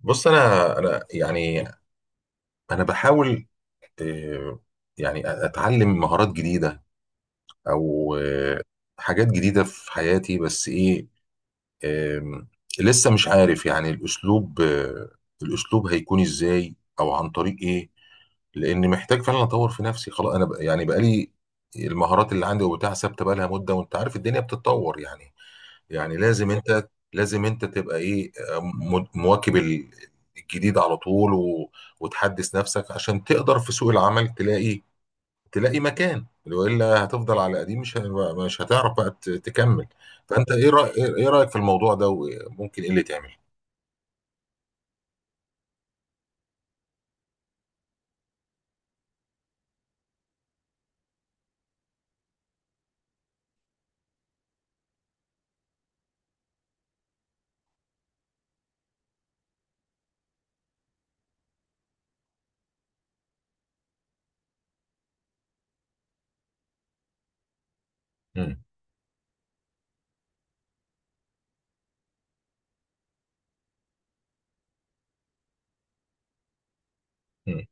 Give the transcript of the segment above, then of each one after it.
بص، انا يعني انا بحاول. آه، يعني اتعلم مهارات جديده، او حاجات جديده في حياتي. بس ايه، آم، لسه مش عارف يعني الاسلوب. الاسلوب هيكون ازاي او عن طريق ايه؟ لان محتاج فعلا اطور في نفسي. خلاص، يعني بقالي المهارات اللي عندي وبتاع ثابته بقالها مده. وانت عارف الدنيا بتتطور يعني لازم انت تبقى ايه، مواكب الجديد على طول. وتحدث نفسك عشان تقدر في سوق العمل تلاقي مكان، والا هتفضل على قديم مش هتعرف بقى تكمل. فانت ايه رايك في الموضوع ده؟ وممكن ايه اللي تعمل؟ مم. مم.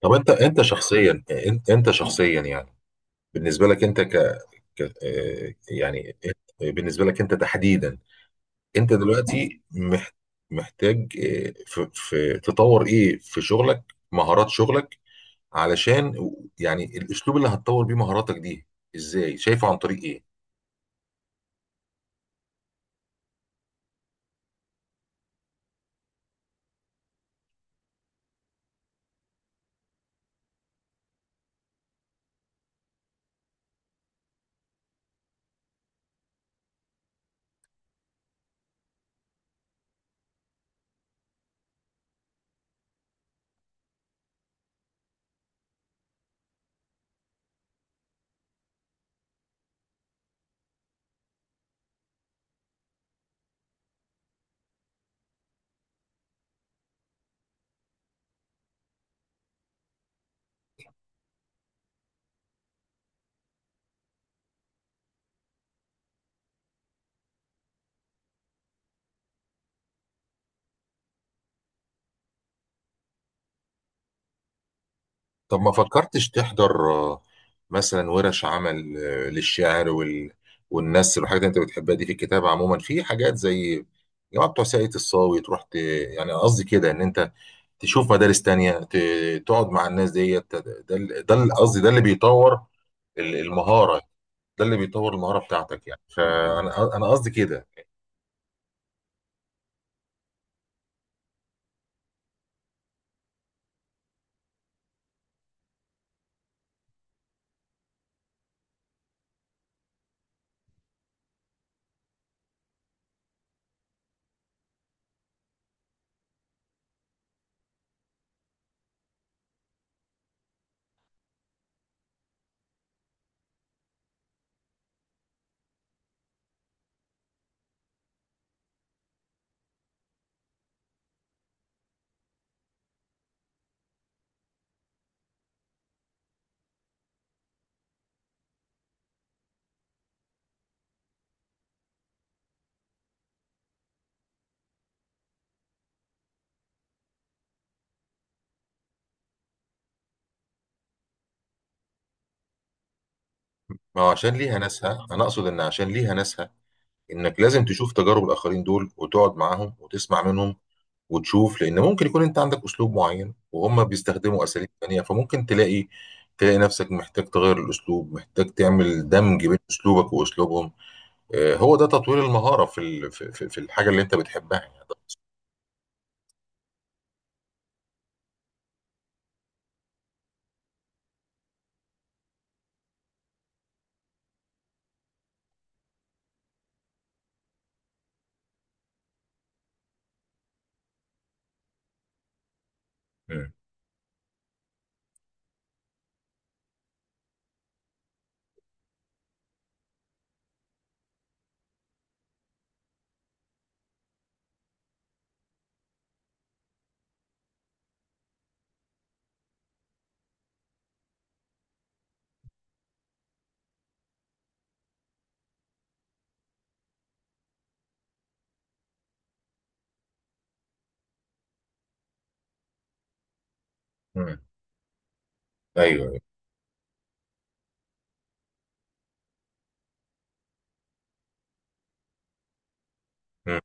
طب انت شخصيا، بالنسبه لك، انت ك... ك... آه، يعني بالنسبه لك انت تحديدا. انت دلوقتي محتاج، تطور ايه في شغلك، مهارات شغلك، علشان يعني الاسلوب اللي هتطور بيه مهاراتك دي ازاي شايفه؟ عن طريق ايه؟ طب ما فكرتش تحضر، مثلا ورش عمل، للشعر والنثر والحاجات اللي انت بتحبها دي في الكتابه عموما، في حاجات زي جماعه بتوع ساقية الصاوي. تروح يعني قصدي كده ان انت تشوف مدارس تانية، تقعد مع الناس ديت. قصدي ده اللي بيطور المهارة، ده اللي بيطور المهارة بتاعتك يعني. فانا قصدي كده. ما هو عشان ليها ناسها، انا اقصد ان عشان ليها ناسها، انك لازم تشوف تجارب الاخرين دول وتقعد معاهم وتسمع منهم وتشوف، لان ممكن يكون انت عندك اسلوب معين وهم بيستخدموا اساليب تانية، فممكن تلاقي نفسك محتاج تغير الاسلوب، محتاج تعمل دمج بين اسلوبك واسلوبهم. هو ده تطوير المهارة في ال- في في- في الحاجة اللي انت بتحبها يعني. مم. مم. ايوه، أيوة. مم.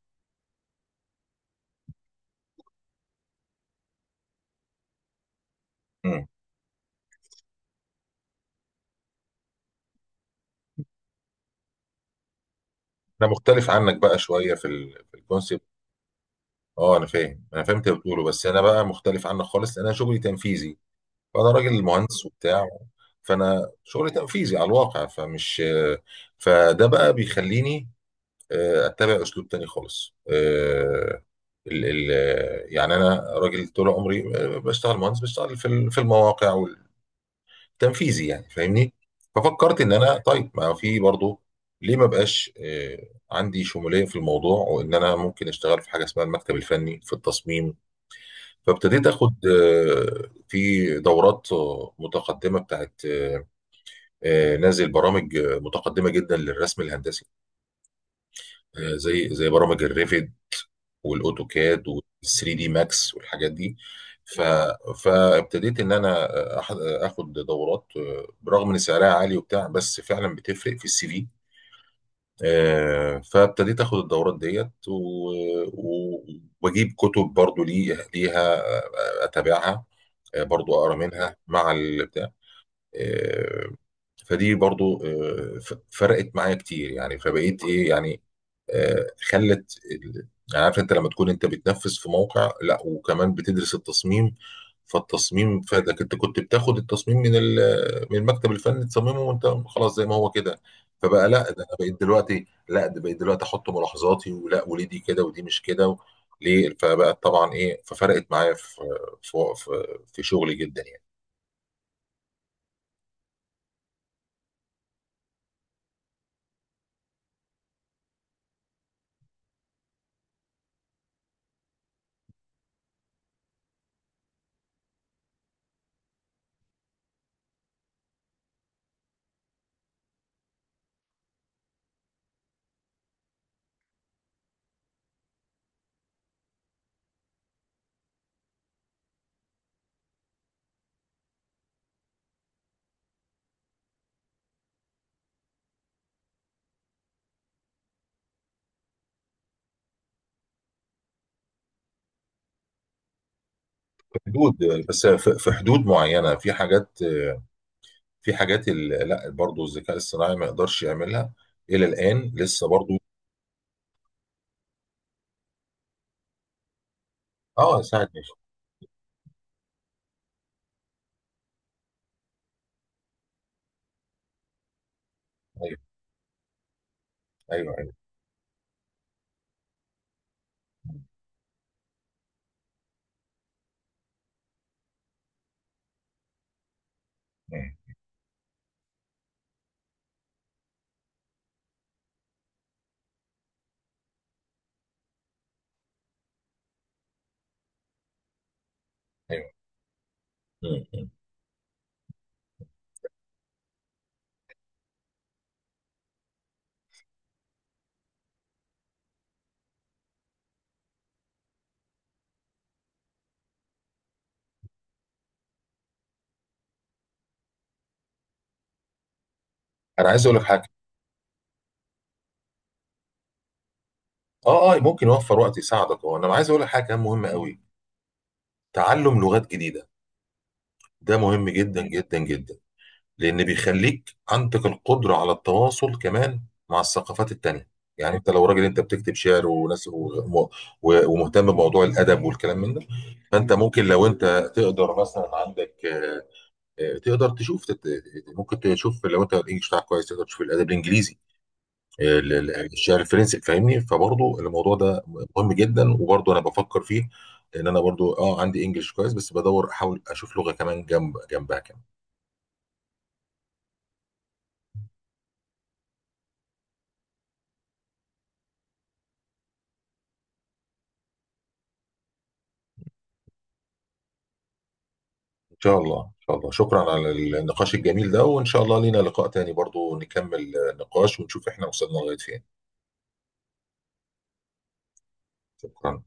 مم. انا مختلف عنك بقى شوية في الكونسيبت. اه، انا فاهم، انا فهمت اللي بتقوله. بس انا بقى مختلف عنك خالص لان انا شغلي تنفيذي. فانا راجل مهندس وبتاع، فانا شغلي تنفيذي على الواقع. فمش آه، فده بقى بيخليني اتبع اسلوب تاني خالص. آه، ال ال يعني انا راجل طول عمري، بشتغل مهندس، بشتغل في المواقع والتنفيذي يعني، فاهمني؟ ففكرت ان انا طيب، ما في برضه، ليه ما بقاش عندي شمولية في الموضوع، وان انا ممكن اشتغل في حاجة اسمها المكتب الفني في التصميم. فابتديت اخد، في دورات، متقدمه بتاعت، نازل برامج، متقدمه جدا للرسم الهندسي، زي برامج الريفيد والاوتوكاد وال3 دي ماكس والحاجات دي. ف فابتديت ان انا، اخد دورات، برغم ان سعرها عالي وبتاع، بس فعلا بتفرق في CV. فابتديت اخد الدورات ديت، واجيب كتب برضو ليها، اتابعها، برضو اقرا منها مع البتاع. آه، فدي برضو، فرقت معايا كتير يعني. فبقيت ايه يعني. آه، خلت ال- يعني عارف انت لما تكون انت بتنفذ في موقع، لا وكمان بتدرس التصميم. فالتصميم فادك. انت كنت بتاخد التصميم من المكتب الفني تصممه وانت خلاص زي ما هو كده. فبقى لا ده انا بقيت دلوقتي لا، ده بقيت دلوقتي احط ملاحظاتي، وليه دي كده ودي مش كده ليه. فبقى طبعا ايه، ففرقت معايا في شغلي جدا يعني. حدود بس في حدود معينه في حاجات، لا، برضه الذكاء الصناعي ما يقدرش يعملها الى الان لسه برضه. اه، ساعد ماشي. ايوه، ايوه، ايوه. مم. ايوه. مم. مم. انا عايز اقول لك حاجه. اه، اه، ممكن يوفر وقت، يساعدك هو. انا عايز اقول لك حاجه كمان مهمه قوي. تعلم لغات جديده، ده مهم جدا جدا جدا. لان بيخليك عندك القدره على التواصل كمان مع الثقافات التانيه. يعني انت لو راجل انت بتكتب شعر وناس، ومهتم بموضوع الادب والكلام من ده. فانت ممكن، لو انت تقدر مثلا عندك، آه، تقدر تشوف تت- ممكن تشوف لو انت الانجليش بتاعك كويس، تقدر تشوف الادب الانجليزي، الشعر الفرنسي، فاهمني؟ فبرضه الموضوع ده مهم جدا، وبرضه انا بفكر فيه، لان انا برضه عندي انجليش كويس، بس بدور احاول اشوف لغه كمان جنب جنبها كمان. ان شاء الله، ان شاء الله. شكرا على النقاش الجميل ده، وان شاء الله لينا لقاء تاني برضو نكمل نقاش ونشوف احنا وصلنا لغاية فين. شكرا.